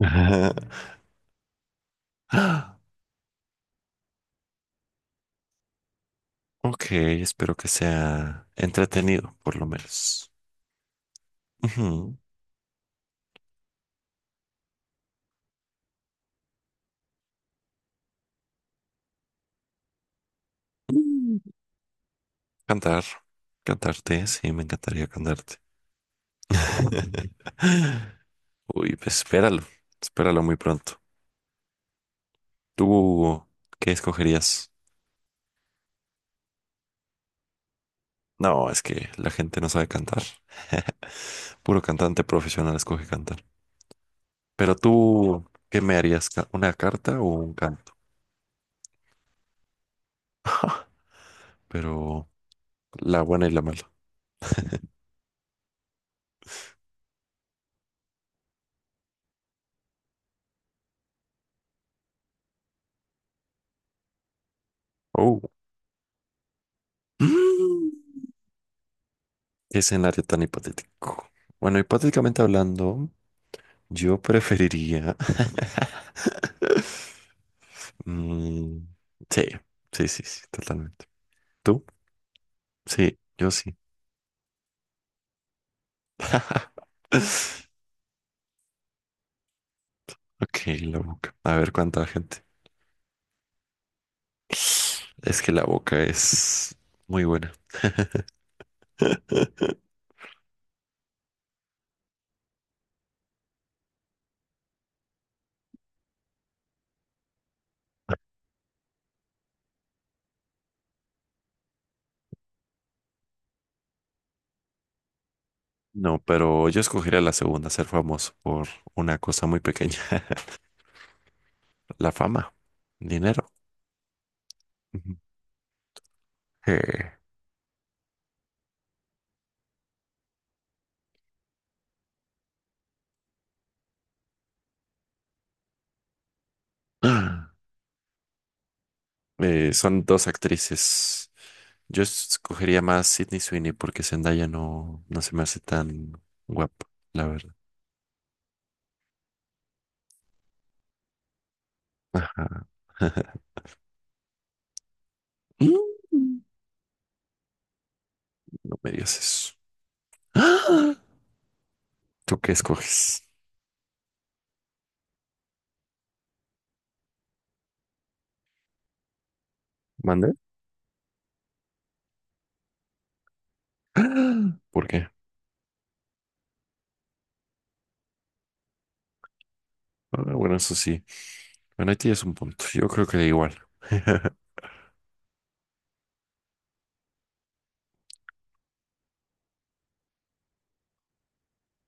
Ajá. Ah. Ok, espero que sea entretenido, por lo menos. Ujú. Mm, Cantar, cantarte, sí, me encantaría cantarte. Uy, pues espéralo, espéralo muy pronto. ¿Tú qué escogerías? No, es que la gente no sabe cantar. Puro cantante profesional escoge cantar. Pero tú, ¿qué me harías? ¿Ca- ¿Una carta o un canto? Pero la buena y la mala. Oh. Qué escenario tan hipotético. Bueno, hipotéticamente hablando, yo preferiría. Mm, sí, sí, totalmente. ¿Tú? Sí, yo sí. Ok, la boca. A ver cuánta gente. Es que la boca es muy buena. No, pero yo escogería la segunda, ser famoso por una cosa muy pequeña. La fama, dinero. Ujú. Eh, son dos actrices. Yo escogería más Sydney Sweeney porque Zendaya no, no se me hace tan guapa, la verdad. Ajá. Mm, no me digas eso. ¡Ah! ¿Tú qué escoges? ¿Mande? ¡Ah! ¿Por qué? Ah, bueno, eso sí. Bueno, ahí tienes un punto. Yo creo que da igual.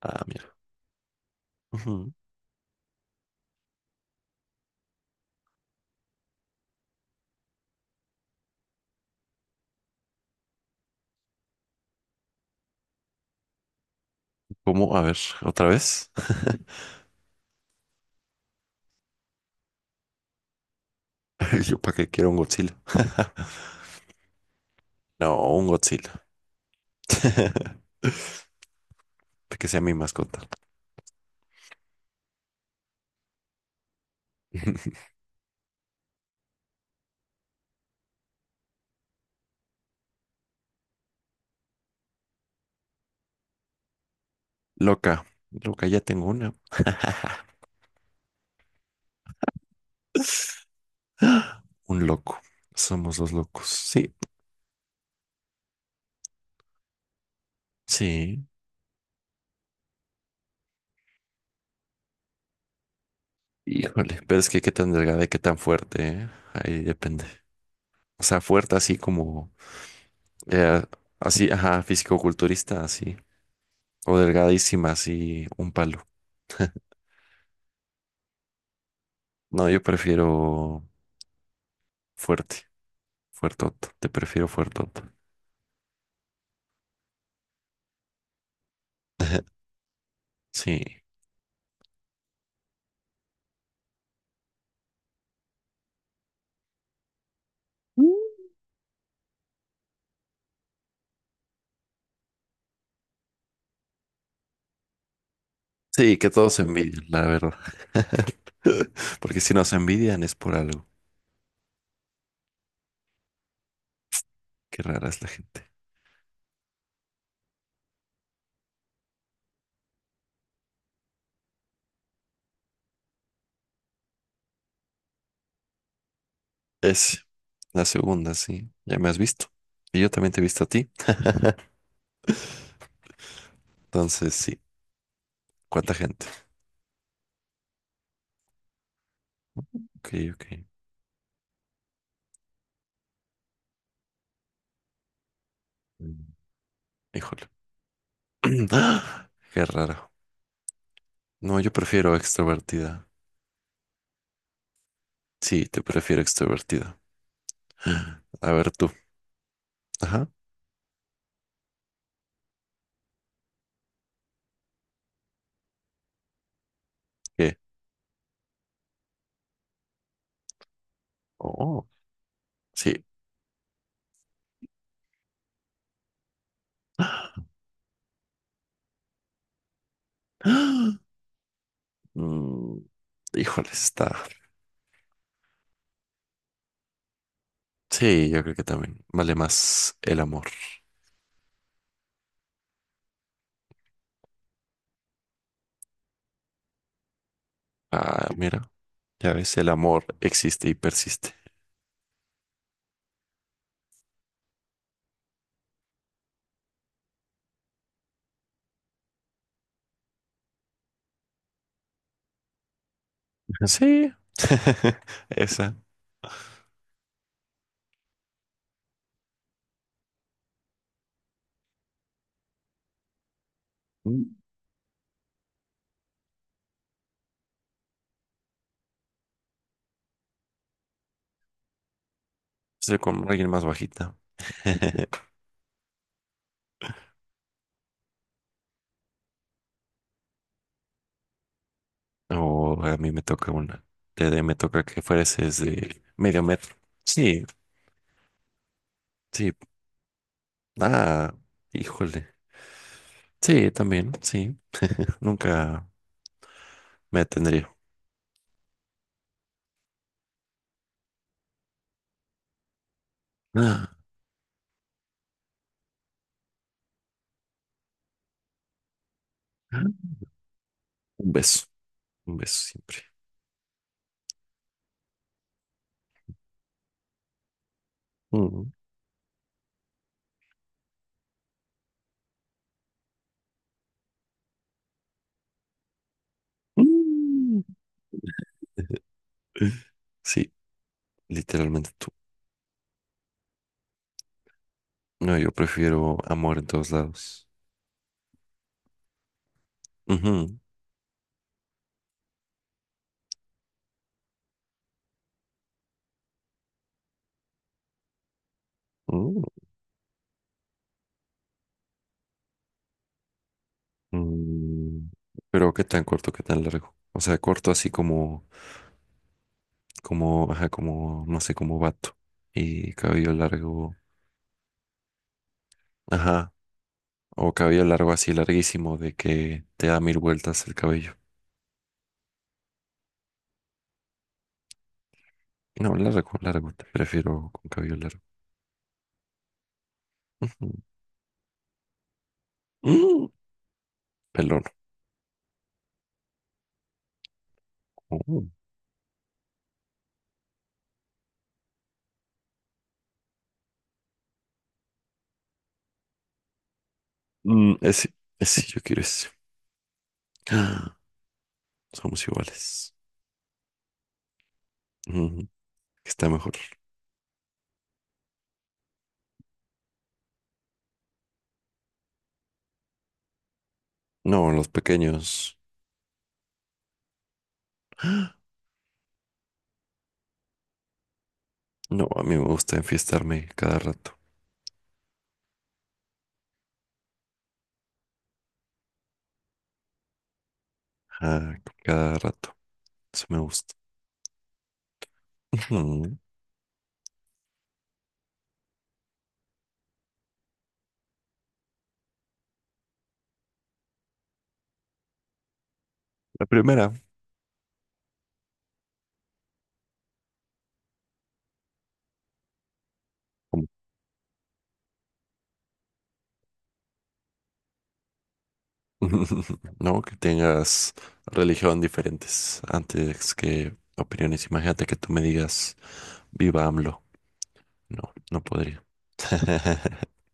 Ah, mira. Ujú. ¿Cómo? A ver, ¿otra vez? ¿Yo para qué quiero un Godzilla? No, un Godzilla. Que sea mi mascota. Loca, loca, ya tengo una. Un loco. Somos los locos. Sí, sí. Híjole, pero es que qué tan delgada y qué tan fuerte, ¿eh? Ahí depende. O sea, fuerte así como, eh, así, ajá, fisicoculturista, así. O delgadísima, así, un palo. No, yo prefiero fuerte, fuertoto. Te prefiero fuertoto. Sí. Sí, que todos se envidian, la verdad. Porque si nos envidian es por algo. Qué rara es la gente. Es la segunda, sí. Ya me has visto. Y yo también te he visto a ti. Entonces, sí. ¿Cuánta gente? Ok, ok. Mm. Híjole. ¡Ah! Qué raro. No, yo prefiero extrovertida. Sí, te prefiero extrovertida. A ver tú. Ajá. ¿Qué? Oh, sí. ¡Ah! Mm, Híjole, está. Sí, yo creo que también vale más el amor. Ah, mira, ya ves, el amor existe y persiste. Sí, esa. Mm. Estoy con alguien más bajita. O a mí me toca una. Me toca que fueses de medio metro. Sí, sí. Ah, híjole. Sí, también, sí. Nunca me atendría. Ah, un beso, un beso siempre. Mm. Mm. Sí, literalmente tú. No, yo prefiero amor en todos lados. Ujú. Mm. Mm. Pero qué tan corto, qué tan largo. O sea, corto así como como, ajá, como, no sé, como vato y cabello largo, ajá, o cabello largo así larguísimo de que te da mil vueltas el cabello. No, largo, largo, te prefiero con cabello largo. Ujú. Mm, pelón. Ujú. Mm, ese yo quiero ese. Ah. Somos iguales. Ujú. Está mejor. No, los pequeños. No, a mí me gusta enfiestarme cada rato. Ah, cada rato. Eso me gusta. Ujú. La primera. No, que tengas religión diferentes antes que opiniones. Imagínate que tú me digas, viva AMLO. No, no podría.